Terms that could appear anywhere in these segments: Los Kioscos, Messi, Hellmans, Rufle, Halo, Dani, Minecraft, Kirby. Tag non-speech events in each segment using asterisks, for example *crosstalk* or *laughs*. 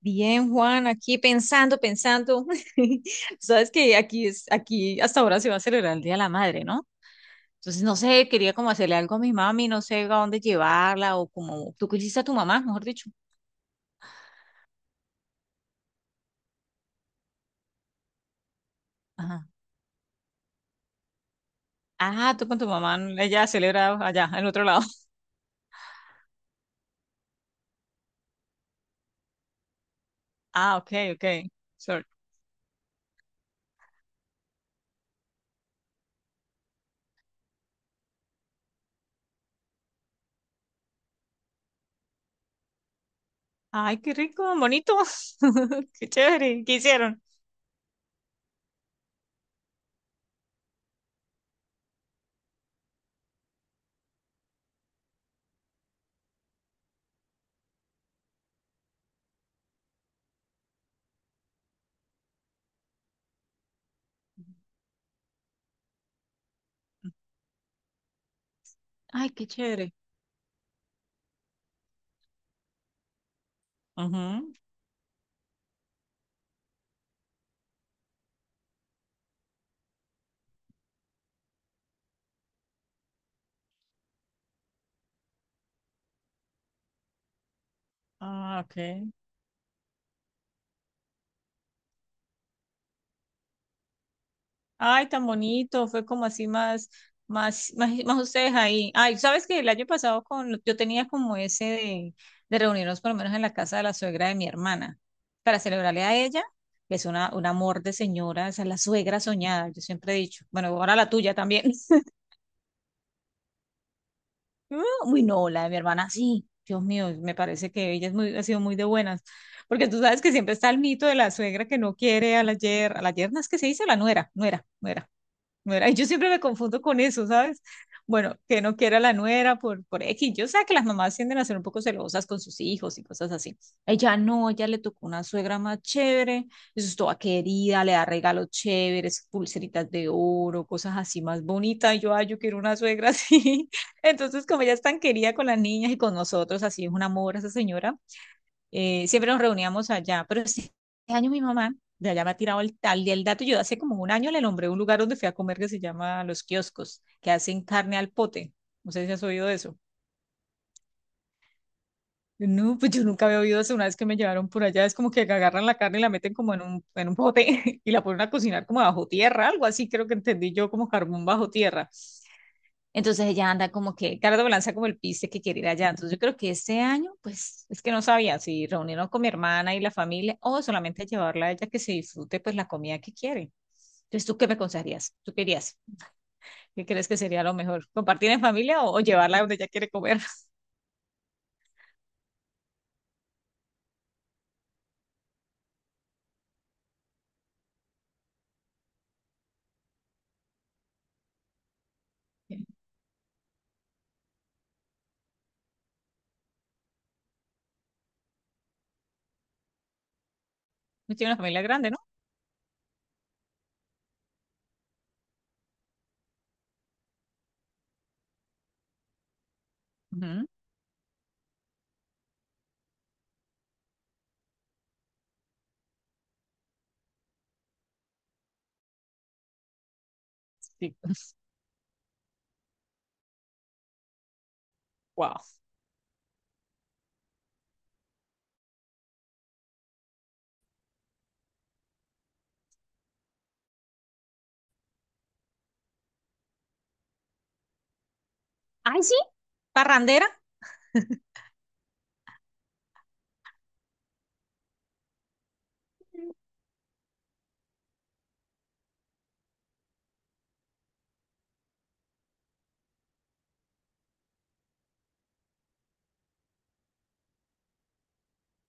Bien, Juan, aquí pensando, pensando. *laughs* Sabes que aquí hasta ahora se va a celebrar el Día de la Madre, ¿no? Entonces, no sé, quería como hacerle algo a mi mami, no sé a dónde llevarla o como tú quisiste a tu mamá, mejor dicho. Ajá. Ah, tú con tu mamá, ella celebra allá, en otro lado. *laughs* Ah, ok, ok. Sorry. Ay, qué rico, bonito. *laughs* Qué chévere. ¿Qué hicieron? Ay, qué chévere. Ujú. Ah, ok. Ay, tan bonito, fue como así más, más, más, más ustedes ahí. Ay, sabes que el año pasado con, yo tenía como ese de reunirnos por lo menos en la casa de la suegra de mi hermana para celebrarle a ella, que es un amor de señora, esa es la suegra soñada, yo siempre he dicho, bueno, ahora la tuya también. *laughs* Uy, no, la de mi hermana sí, Dios mío, me parece que ella ha sido muy de buenas, porque tú sabes que siempre está el mito de la suegra que no quiere a la yerna es que se dice la nuera, nuera, nuera. Nuera. Y yo siempre me confundo con eso, ¿sabes? Bueno, que no quiera la nuera por X. Yo sé que las mamás tienden a ser un poco celosas con sus hijos y cosas así. Ella no, ella le tocó una suegra más chévere, eso es toda querida, le da regalos chéveres, pulseritas de oro, cosas así más bonitas. Y yo, ay, yo quiero una suegra así. *laughs* Entonces, como ella es tan querida con las niñas y con nosotros, así es un amor esa señora. Siempre nos reuníamos allá, pero este año mi mamá de allá me ha tirado el tal y el dato. Yo hace como un año le nombré un lugar donde fui a comer que se llama Los Kioscos, que hacen carne al pote. No sé si has oído de eso. No, pues yo nunca había oído eso. Una vez que me llevaron por allá, es como que agarran la carne y la meten como en un pote *laughs* y la ponen a cocinar como bajo tierra, algo así, creo que entendí yo, como carbón bajo tierra. Entonces ella anda como que, Cardo lanza como el piste que quiere ir allá. Entonces yo creo que este año, pues es que no sabía si reunirnos con mi hermana y la familia o solamente llevarla a ella que se disfrute pues la comida que quiere. Entonces, ¿tú qué me aconsejarías? ¿Tú querías? ¿Qué crees que sería lo mejor? ¿Compartir en familia o llevarla donde ella quiere comer? *laughs* No tiene una familia grande, ¿no? Ujú. Sí. Wow. Ay, sí. ¿Parrandera?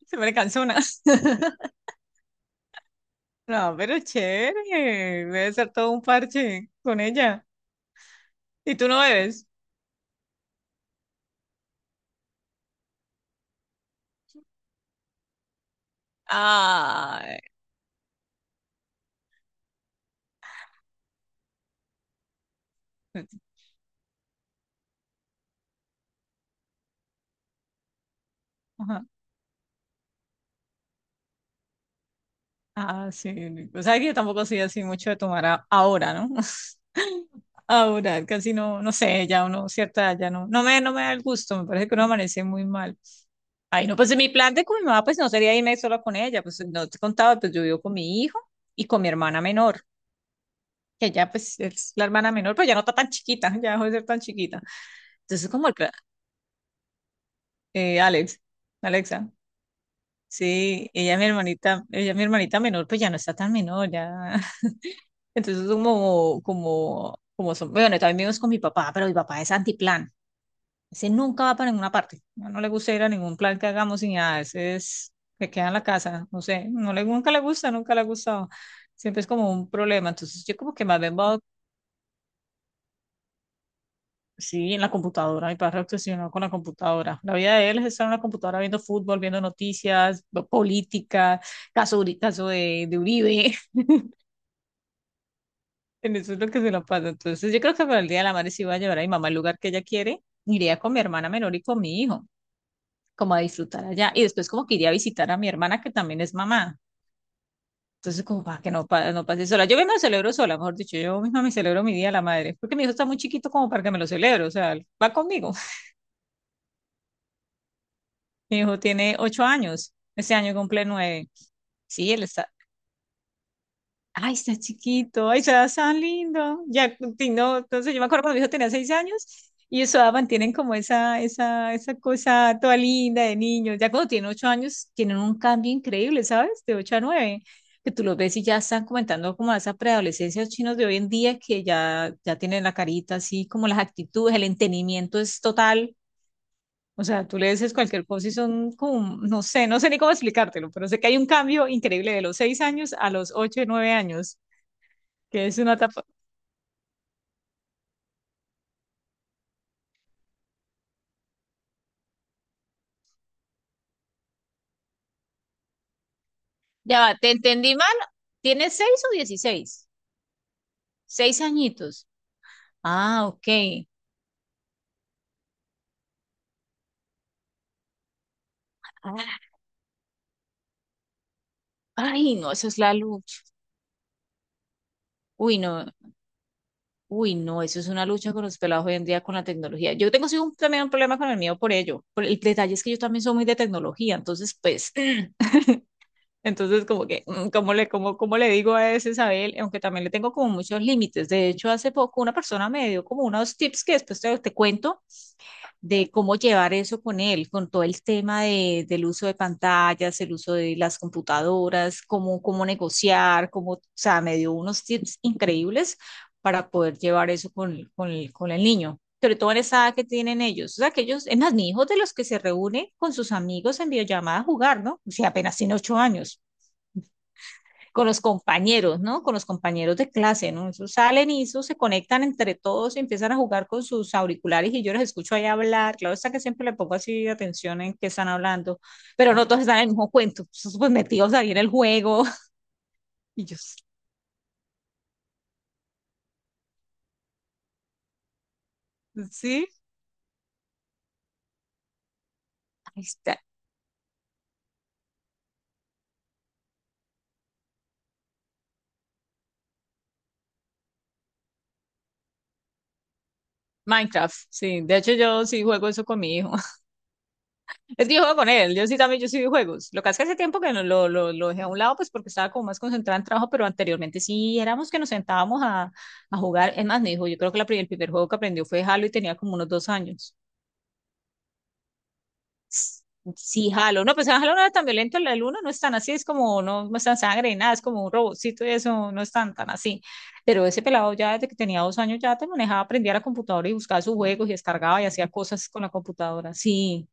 Se me cansó una. *laughs* No, pero chévere. Debe ser todo un parche con ella. ¿Y tú no bebes? Ah, ajá. Ah, sí. O sea que yo tampoco soy así mucho de tomar ahora, ¿no? *laughs* Ahora, casi no, no sé, ya uno, cierta, edad ya no, no me da el gusto, me parece que uno amanece muy mal. Ay, no, pues mi plan de con mi mamá, pues no sería irme sola con ella, pues no te contaba, pues yo vivo con mi hijo y con mi hermana menor, que ya pues es la hermana menor, pero ya no está tan chiquita, *laughs* ya dejó de ser tan chiquita. Entonces como el plan, eh, Alex, Alexa, sí, ella mi hermanita menor, pues ya no está tan menor, ya. Entonces, como son, bueno, también vivimos con mi papá, pero mi papá es antiplan. Ese nunca va para ninguna parte. No, no le gusta ir a ningún plan que hagamos ni nada. Ese se queda en la casa. No sé, nunca le ha gustado. Siempre es como un problema. Entonces, yo como que más bien va, sí, en la computadora. Mi padre obsesionado con la computadora. La vida de él es estar en la computadora viendo fútbol, viendo noticias, política, caso de, Uribe. En eso es lo que se la pasa. Entonces, yo creo que para el Día de la Madre sí voy a llevar a mi mamá al lugar que ella quiere. Iría con mi hermana menor y con mi hijo, como a disfrutar allá. Y después como que iría a visitar a mi hermana, que también es mamá. Entonces, como para que no, no pase sola. Yo me lo celebro sola, mejor dicho. Yo misma me celebro mi Día de la Madre. Porque mi hijo está muy chiquito como para que me lo celebre. O sea, va conmigo. *laughs* Mi hijo tiene 8 años. Este año cumple 9. Sí, ay, está chiquito, ay, está tan lindo. Ya, y no, entonces yo me acuerdo cuando mi hijo tenía 6 años y eso mantienen como esa cosa toda linda de niños. Ya cuando tienen 8 años, tienen un cambio increíble, ¿sabes? De 8 a 9, que tú los ves y ya están comentando como a esa preadolescencia de los chinos de hoy en día que ya tienen la carita así, como las actitudes, el entendimiento es total. O sea, tú le dices cualquier cosa y son como, no sé ni cómo explicártelo, pero sé que hay un cambio increíble de los 6 años a los 8 y 9 años que es una tapa. Ya va, te entendí mal. ¿Tienes 6 o 16? 6 añitos. Ah, ok. Ah, ay, no, eso es la lucha. Uy, no, uy, no, eso es una lucha con los pelados hoy en día con la tecnología. Yo tengo sí, también un problema con el mío por ello. Por el detalle es que yo también soy muy de tecnología, entonces, pues, *laughs* *clears throat* entonces como que, cómo le digo a ese Isabel? Aunque también le tengo como muchos límites. De hecho, hace poco una persona me dio como unos tips que después te cuento de cómo llevar eso con él, con todo el tema del uso de pantallas, el uso de las computadoras, cómo negociar, o sea, me dio unos tips increíbles para poder llevar eso con el niño, sobre todo en esa edad que tienen ellos, o sea, que ellos, es más, mi hijo de los que se reúne con sus amigos en videollamada a jugar, ¿no? O sea, apenas tiene ocho años con los compañeros, ¿no? Con los compañeros de clase, ¿no? Esos salen y eso se conectan entre todos y empiezan a jugar con sus auriculares y yo los escucho ahí hablar. Claro está que siempre le pongo así atención en qué están hablando, pero no todos están en el mismo cuento, esos pues metidos ahí en el juego. *laughs* Y yo, sí, ahí está. Minecraft, sí. De hecho, yo sí juego eso con mi hijo. Es que yo juego con él, yo sí también, yo sí vi juegos. Lo que hace tiempo que no, lo dejé a un lado, pues porque estaba como más concentrada en trabajo, pero anteriormente sí éramos que nos sentábamos a jugar. Es más, me dijo, yo creo que el primer juego que aprendió fue Halo y tenía como unos 2 años. Sí, Halo. No, pues Halo no era tan violento, el uno no es tan así, es como, no, no es tan sangre y nada, es como un robotcito y eso, no es tan, tan así. Pero ese pelado ya desde que tenía 2 años ya te manejaba, aprendía a la computadora y buscaba sus juegos y descargaba y hacía cosas con la computadora. Sí,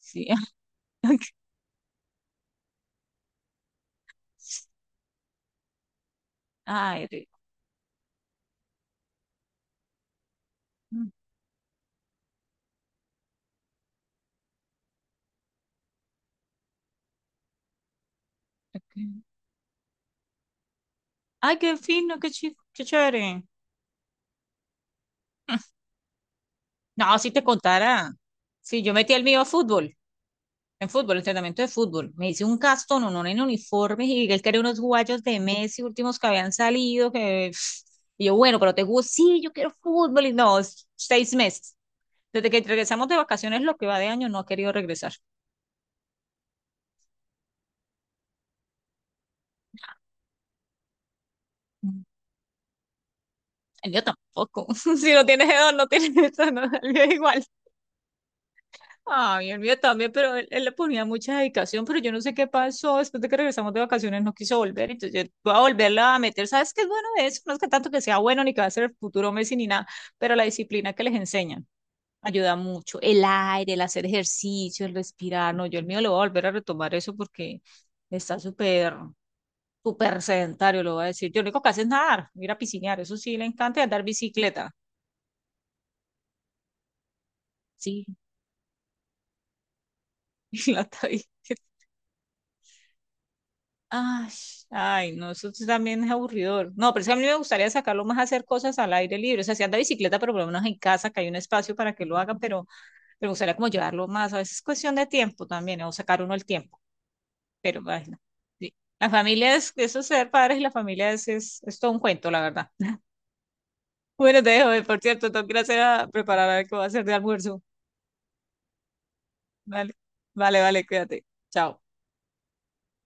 sí. *laughs* Ay, rico. Ok. Ay, qué fino, qué chévere. *laughs* No, si te contara. Sí, yo metí el mío a fútbol, en fútbol, entrenamiento de fútbol. Me hice un castón, uno en uniformes y él quería unos guayos de Messi últimos que habían salido. Que... Y yo, bueno, pero te juro, sí, yo quiero fútbol. Y no, 6 meses. Desde que regresamos de vacaciones, lo que va de año, no ha querido regresar. Mm. Yo tampoco. *laughs* Si no tienes edad, no tienes eso, no, *laughs* yo igual. Ay, el mío también, pero él le ponía mucha dedicación, pero yo no sé qué pasó. Después de que regresamos de vacaciones no quiso volver, entonces yo voy a volverla a meter. ¿Sabes qué es bueno de eso? No es que tanto que sea bueno ni que va a ser el futuro Messi ni nada, pero la disciplina que les enseñan ayuda mucho. El aire, el hacer ejercicio, el respirar. No, yo el mío lo voy a volver a retomar eso porque está súper, súper sedentario, lo voy a decir. Yo lo único que hace es nadar, ir a piscinear, eso sí le encanta, y andar bicicleta. Sí, *laughs* la está ahí. Ay, ay, no, eso sí también es aburridor. No, pero es que a mí me gustaría sacarlo más a hacer cosas al aire libre. O sea, si anda bicicleta, pero por lo menos en casa, que hay un espacio para que lo haga, pero me gustaría como llevarlo más. A veces es cuestión de tiempo también, o sacar uno el tiempo. Pero, ay, no. Sí. La familia es, eso es ser padres y la familia es, todo un cuento, la verdad. *laughs* Bueno, te dejo, por cierto, tengo que ir a, hacer a preparar a ver qué voy a hacer de almuerzo. Vale, vale, vale, cuídate. Chao.